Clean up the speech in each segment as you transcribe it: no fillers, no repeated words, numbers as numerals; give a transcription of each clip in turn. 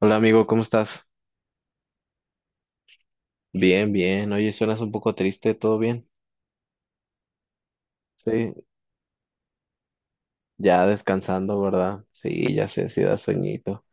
Hola amigo, ¿cómo estás? Bien, bien. Oye, suenas un poco triste, ¿todo bien? Sí, ya descansando, ¿verdad? Sí, ya sé, sí da sueñito.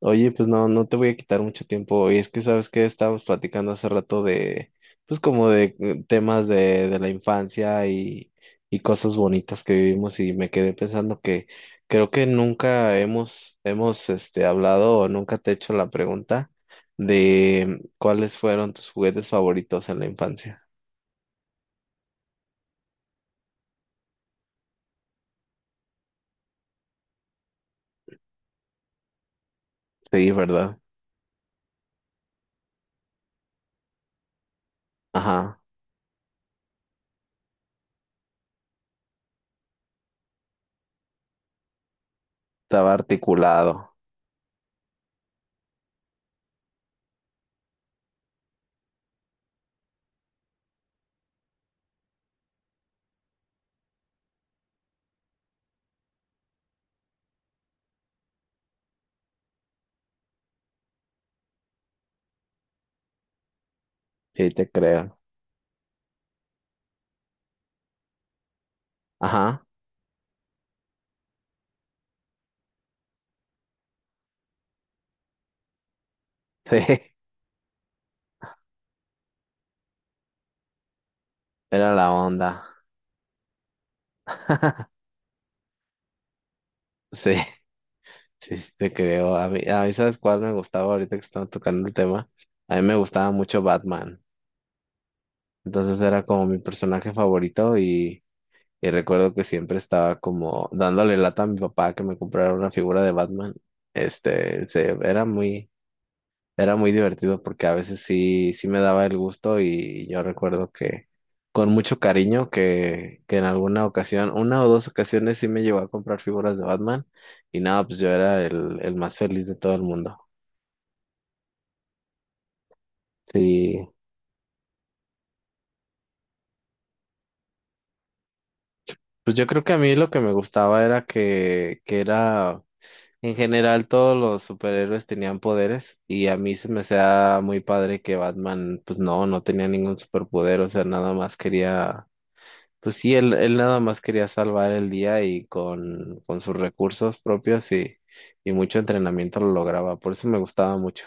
Oye, pues no, no te voy a quitar mucho tiempo hoy. Es que sabes que estábamos platicando hace rato de, pues como de temas de la infancia y cosas bonitas que vivimos y me quedé pensando que creo que nunca hemos hablado o nunca te he hecho la pregunta de cuáles fueron tus juguetes favoritos en la infancia. Sí, ¿verdad? Ajá, estaba articulado, sí te creo. Ajá, sí, era la onda. Sí, sí, sí te creo. A mí, ¿sabes cuál me gustaba ahorita que estaba tocando el tema? A mí me gustaba mucho Batman. Entonces era como mi personaje favorito y recuerdo que siempre estaba como dándole lata a mi papá que me comprara una figura de Batman. Este, se, era muy... Era muy divertido porque a veces sí, sí me daba el gusto y yo recuerdo que con mucho cariño que en alguna ocasión, una o dos ocasiones sí me llevó a comprar figuras de Batman y nada, pues yo era el más feliz de todo el mundo. Sí, pues yo creo que a mí lo que me gustaba era que era, en general todos los superhéroes tenían poderes y a mí se me hacía muy padre que Batman, pues no, no tenía ningún superpoder, o sea, nada más quería. Pues sí, él nada más quería salvar el día y con sus recursos propios y mucho entrenamiento lo lograba. Por eso me gustaba mucho.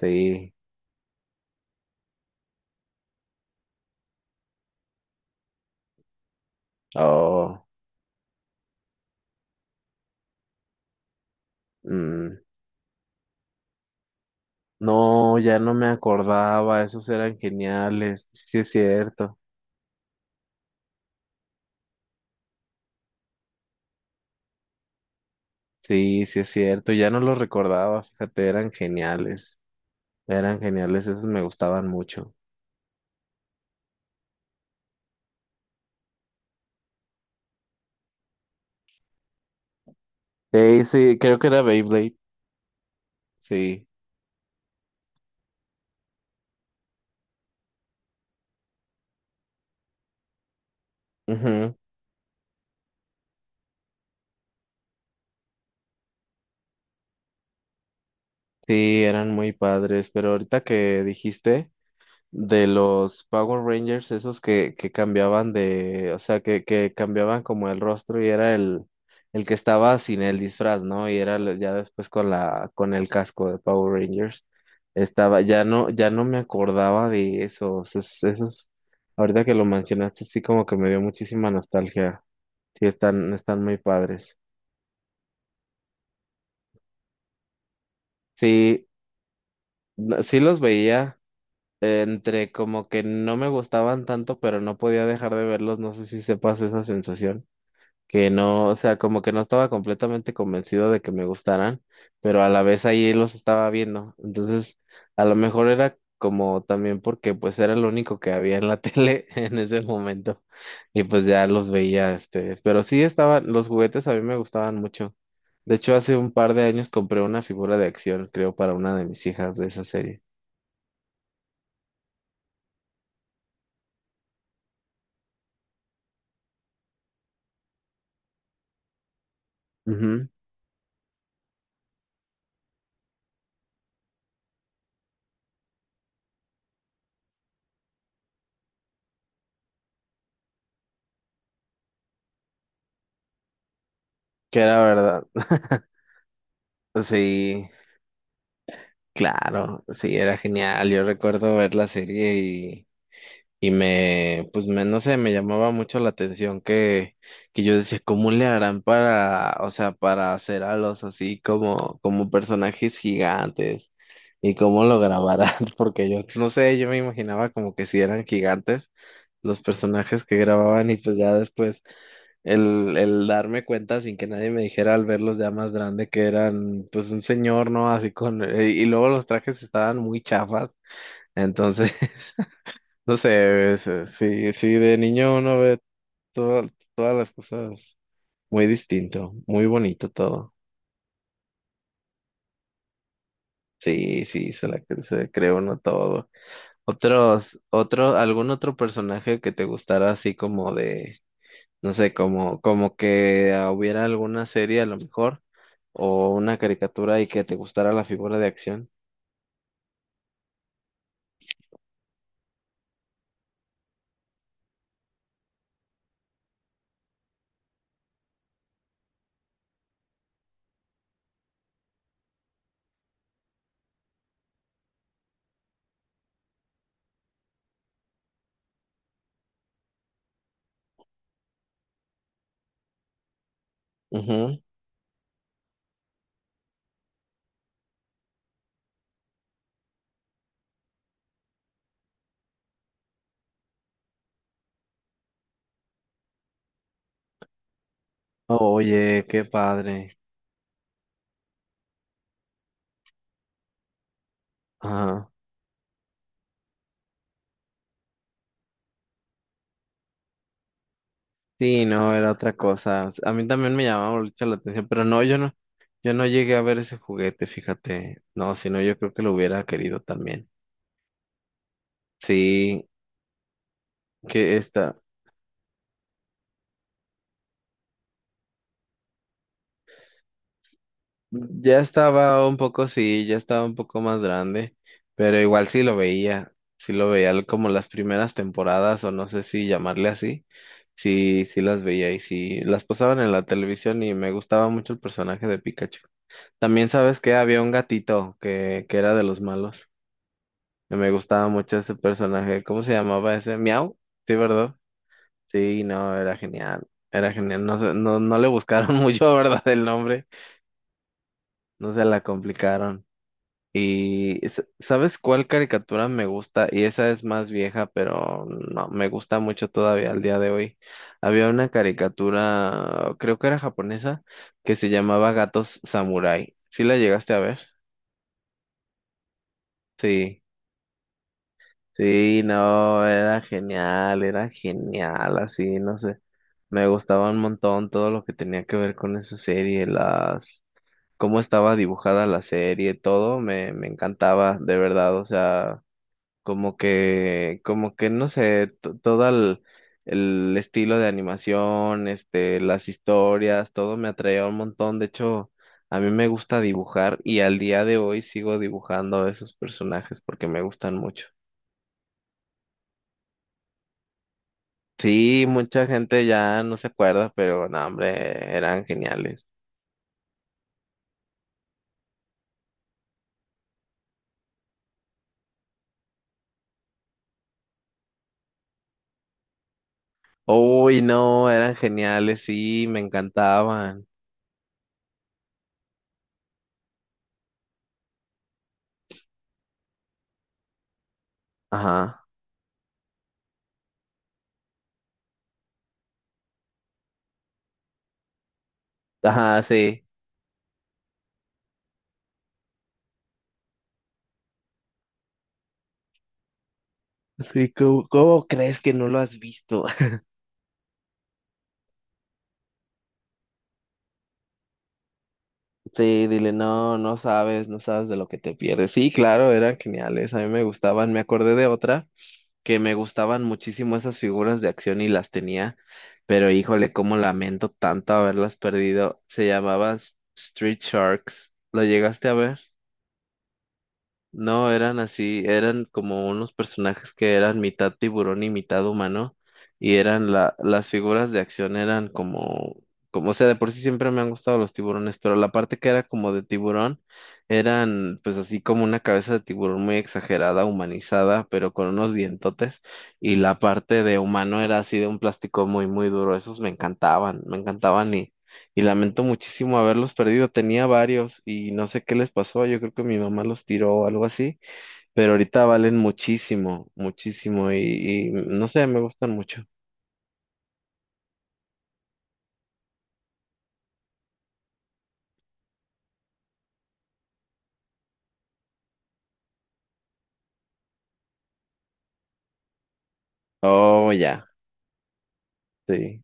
Sí. Oh, mm, no, ya no me acordaba. Esos eran geniales. Sí es cierto. Sí, sí es cierto. Ya no los recordaba. Fíjate, eran geniales. Eran geniales. Esos me gustaban mucho. Sí, sí, creo que era Beyblade. Sí. Ujú. Sí, eran muy padres. Pero ahorita que dijiste... de los Power Rangers, esos que cambiaban de, o sea, que cambiaban como el rostro y era el que estaba sin el disfraz, ¿no? Y era ya después con la, con el casco de Power Rangers. Estaba, ya no, ya no me acordaba de esos, esos, ahorita que lo mencionaste, sí como que me dio muchísima nostalgia. Sí, están, están muy padres. Sí, sí los veía entre como que no me gustaban tanto, pero no podía dejar de verlos, no sé si sepas esa sensación. Que no, o sea, como que no estaba completamente convencido de que me gustaran, pero a la vez ahí los estaba viendo. Entonces, a lo mejor era como también porque pues era lo único que había en la tele en ese momento y pues ya los veía, pero sí estaban, los juguetes a mí me gustaban mucho. De hecho, hace un par de años compré una figura de acción, creo, para una de mis hijas de esa serie. Ujú. Que era verdad. Sí, claro, sí, era genial. Yo recuerdo ver la serie. Y me, pues me, no sé, me llamaba mucho la atención que yo decía, ¿cómo le harán para, o sea, para hacer a los así como, como personajes gigantes? ¿Y cómo lo grabarán? Porque yo, no sé, yo me imaginaba como que si eran gigantes los personajes que grababan y pues ya después el darme cuenta sin que nadie me dijera al verlos ya más grande que eran pues un señor, ¿no? Así con, y luego los trajes estaban muy chafas, entonces... No sé, sí, sí, de niño uno ve toda- todas las cosas muy distinto, muy bonito todo. Sí, sí, se cree uno todo. Otros, otro, algún otro personaje que te gustara así como de, no sé, como, como que hubiera alguna serie a lo mejor, o una caricatura y que te gustara la figura de acción. Ujú. Oye, qué padre. Ajá. Sí, no, era otra cosa. A mí también me llamaba mucho la atención, pero no, yo no, yo no llegué a ver ese juguete, fíjate. No, si no, yo creo que lo hubiera querido también. Sí, que está, ya estaba un poco, sí, ya estaba un poco más grande, pero igual sí lo veía como las primeras temporadas, o no sé si llamarle así, sí, sí las veía y sí, las pasaban en la televisión y me gustaba mucho el personaje de Pikachu. También sabes que había un gatito que era de los malos. Me gustaba mucho ese personaje. ¿Cómo se llamaba ese? ¿Miau? Sí, ¿verdad? Sí, no, era genial. Era genial. No, no, no le buscaron mucho, ¿verdad? El nombre. No se la complicaron. Y ¿sabes cuál caricatura me gusta? Y esa es más vieja, pero no, me gusta mucho todavía al día de hoy. Había una caricatura, creo que era japonesa, que se llamaba Gatos Samurai. ¿Sí la llegaste a ver? Sí. Sí, no, era genial, así, no sé. Me gustaba un montón todo lo que tenía que ver con esa serie, las, cómo estaba dibujada la serie, todo me, me encantaba, de verdad, o sea, como que, no sé, todo el estilo de animación, las historias, todo me atraía un montón, de hecho, a mí me gusta dibujar y al día de hoy sigo dibujando a esos personajes porque me gustan mucho. Sí, mucha gente ya no se acuerda, pero no, hombre, eran geniales. Uy, no, eran geniales, sí, me encantaban. Ajá, ajá, sí. Sí, ¿cómo, cómo crees que no lo has visto? Sí, dile, no, no sabes, no sabes de lo que te pierdes. Sí, claro, eran geniales, a mí me gustaban, me acordé de otra que me gustaban muchísimo esas figuras de acción y las tenía, pero híjole, cómo lamento tanto haberlas perdido. Se llamaba Street Sharks, ¿lo llegaste a ver? No, eran así, eran como unos personajes que eran mitad tiburón y mitad humano, y eran la, las figuras de acción eran como, como, o sea, de por sí siempre me han gustado los tiburones, pero la parte que era como de tiburón, eran pues así como una cabeza de tiburón muy exagerada, humanizada, pero con unos dientotes, y la parte de humano era así de un plástico muy, muy duro, esos me encantaban y lamento muchísimo haberlos perdido. Tenía varios y no sé qué les pasó. Yo creo que mi mamá los tiró o algo así, pero ahorita valen muchísimo, muchísimo y no sé, me gustan mucho. Oh, ya, sí,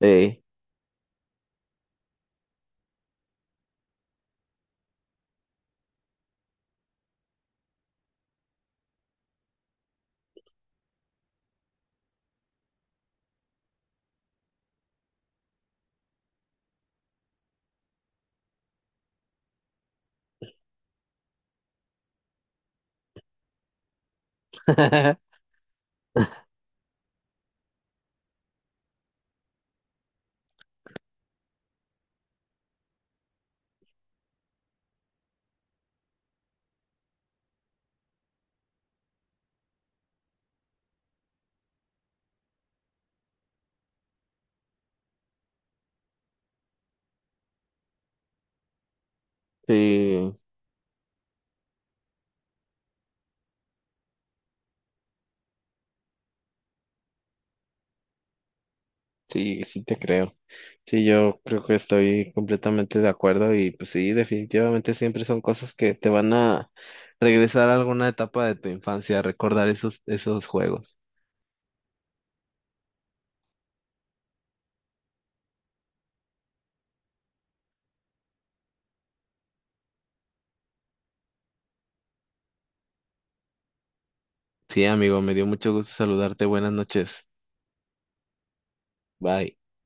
sí, sí, sí, sí te creo. Sí, yo creo que estoy completamente de acuerdo y pues sí, definitivamente siempre son cosas que te van a regresar a alguna etapa de tu infancia, recordar esos, esos juegos. Sí, amigo, me dio mucho gusto saludarte. Buenas noches. Bye.